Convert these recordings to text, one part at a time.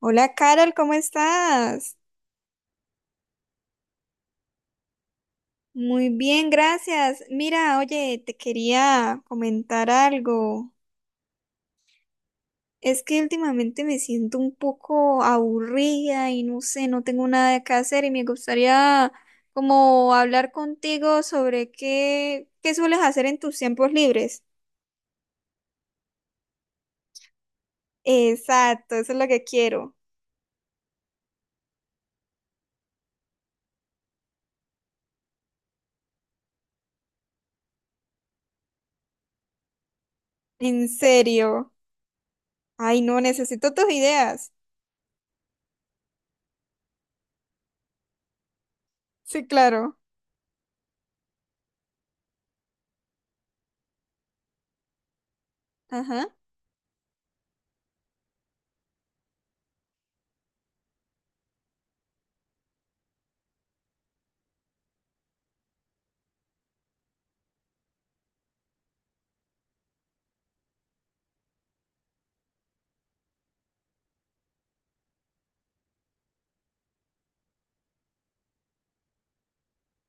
Hola Carol, ¿cómo estás? Muy bien, gracias. Mira, oye, te quería comentar algo. Es que últimamente me siento un poco aburrida y no sé, no tengo nada que hacer y me gustaría como hablar contigo sobre qué sueles hacer en tus tiempos libres. Exacto, eso es lo que quiero. ¿En serio? Ay, no, necesito tus ideas. Sí, claro. Ajá.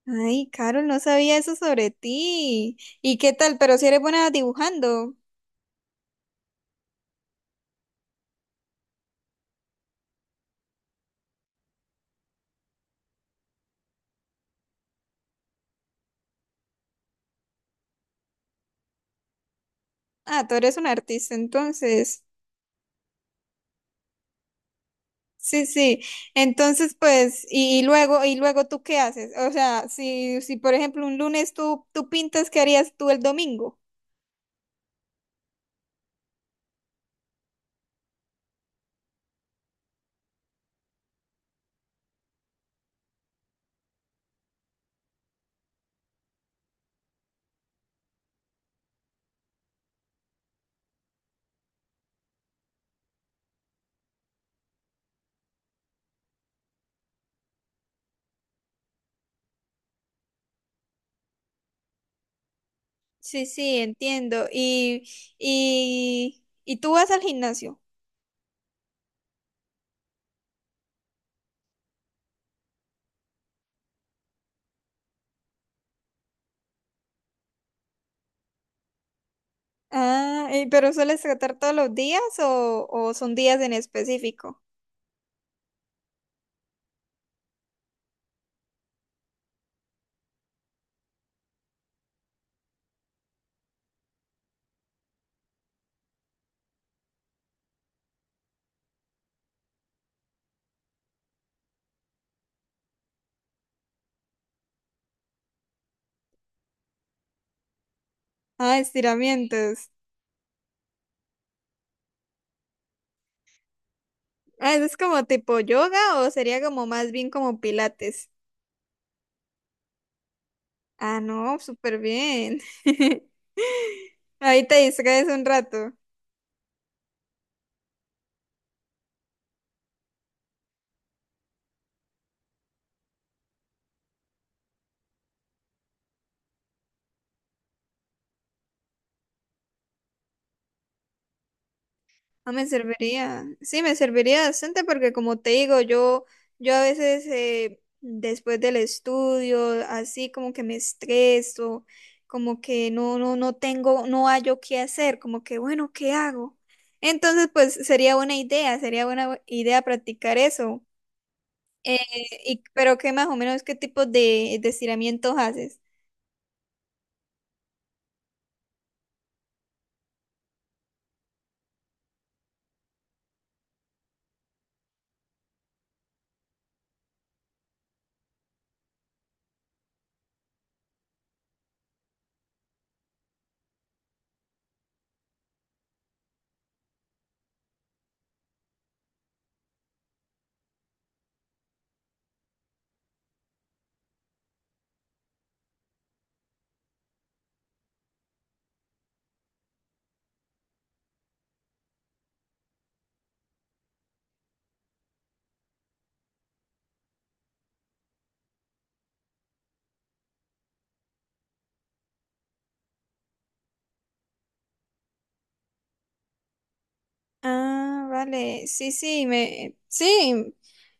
Ay, Carol, no sabía eso sobre ti. ¿Y qué tal? Pero si eres buena dibujando. Ah, tú eres un artista, entonces. Sí, sí. Entonces, pues, y luego tú ¿qué haces? O sea, si por ejemplo un lunes tú pintas, ¿qué harías tú el domingo? Sí, sí, entiendo. Y tú ¿vas al gimnasio? Ah, y ¿pero sueles tratar todos los días o son días en específico? Ah, estiramientos. Ah, ¿eso es como tipo yoga o sería como más bien como pilates? Ah, no, súper bien. Ahí te distraes un rato. No me serviría. Sí, me serviría bastante porque como te digo, yo a veces después del estudio, así como que me estreso, como que no tengo, no hallo qué hacer, como que bueno, ¿qué hago? Entonces, pues sería buena idea practicar eso. Eh, y, pero qué más o menos, qué tipo de estiramientos haces. Ah, vale. Sí, sí, me, sí.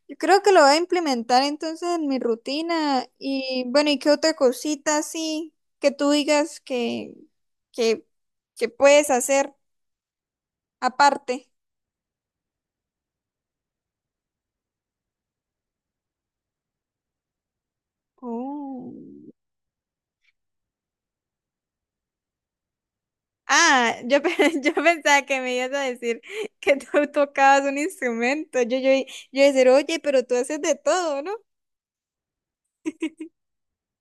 Yo creo que lo voy a implementar entonces en mi rutina. Y bueno, ¿y qué otra cosita así que tú digas que, que puedes hacer aparte? Oh. Ah, yo, yo pensaba que me ibas a decir que tú tocabas un instrumento. Yo iba a decir, oye, pero tú haces de todo, ¿no?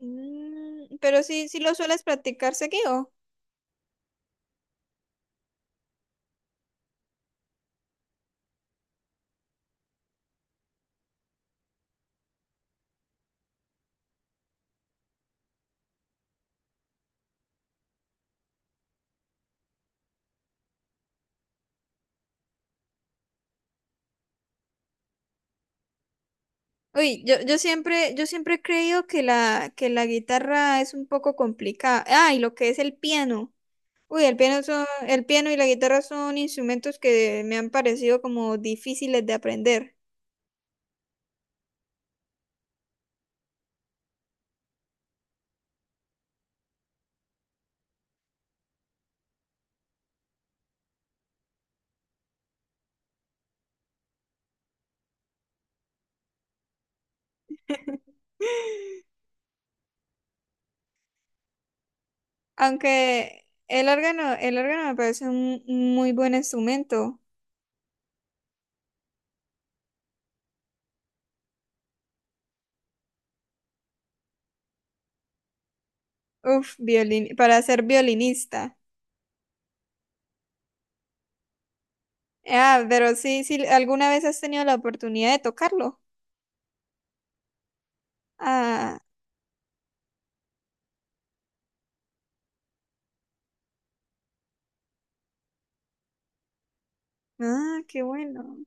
Mm, pero sí, sí lo sueles practicar seguido. Uy, yo siempre he creído que la guitarra es un poco complicada. Ah, y lo que es el piano. Uy, el piano son, el piano y la guitarra son instrumentos que me han parecido como difíciles de aprender. Aunque el órgano me parece un muy buen instrumento. Uf, violin, para ser violinista. Ah, pero sí, sí, ¿alguna vez has tenido la oportunidad de tocarlo? Ah, ah, qué bueno.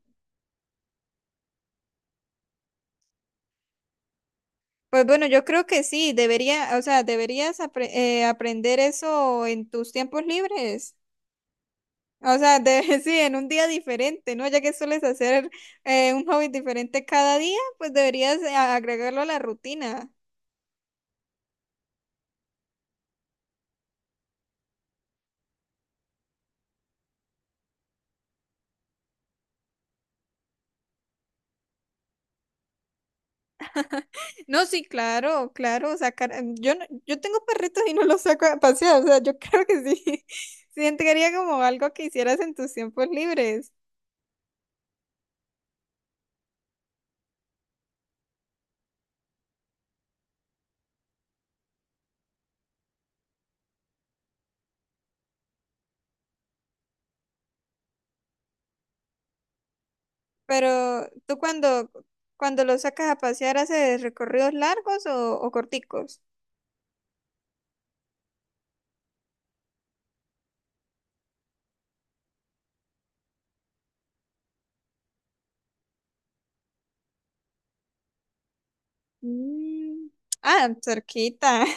Pues bueno, yo creo que sí, debería, o sea, deberías aprender eso en tus tiempos libres. O sea, sí, en un día diferente, ¿no? Ya que sueles hacer un hobby diferente cada día, pues deberías agregarlo a la rutina. No, sí, claro, claro, sacar, yo yo tengo perritos y no los saco a pasear, o sea, yo creo que sí, sí, entraría como algo que hicieras en tus tiempos libres. Pero tú cuando los sacas a pasear, ¿haces recorridos largos o corticos? Mm. Ah, cerquita.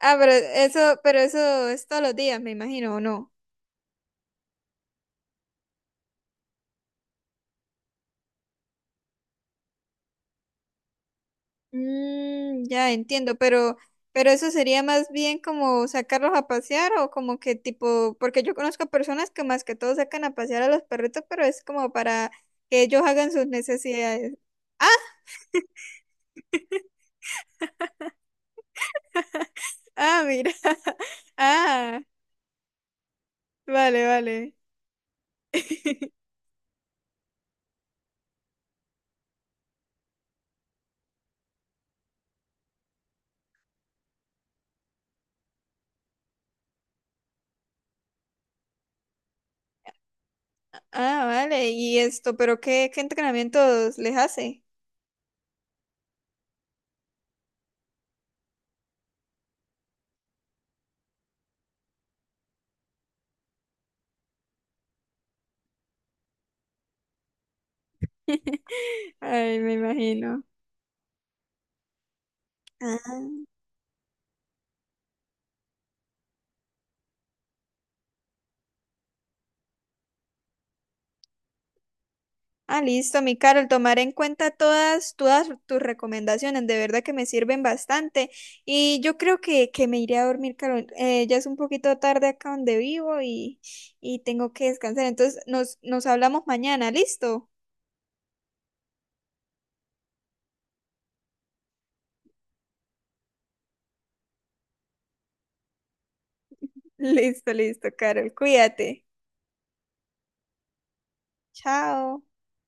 Ah, pero eso es todos los días, me imagino, ¿o no? Mm, ya entiendo, pero eso sería más bien como sacarlos a pasear o como que tipo, porque yo conozco personas que más que todo sacan a pasear a los perritos, pero es como para que ellos hagan sus necesidades. Ah, ah, mira. Ah, vale, vale. Ah, vale. Y esto, pero ¿qué entrenamientos les hace? Ay, me imagino. Ah, ah, listo, mi Carol, tomaré en cuenta todas, todas tus recomendaciones, de verdad que me sirven bastante. Y yo creo que me iré a dormir, Carol. Ya es un poquito tarde acá donde vivo y tengo que descansar. Entonces, nos hablamos mañana, ¿listo? Listo, listo, Carol, cuídate. Chao.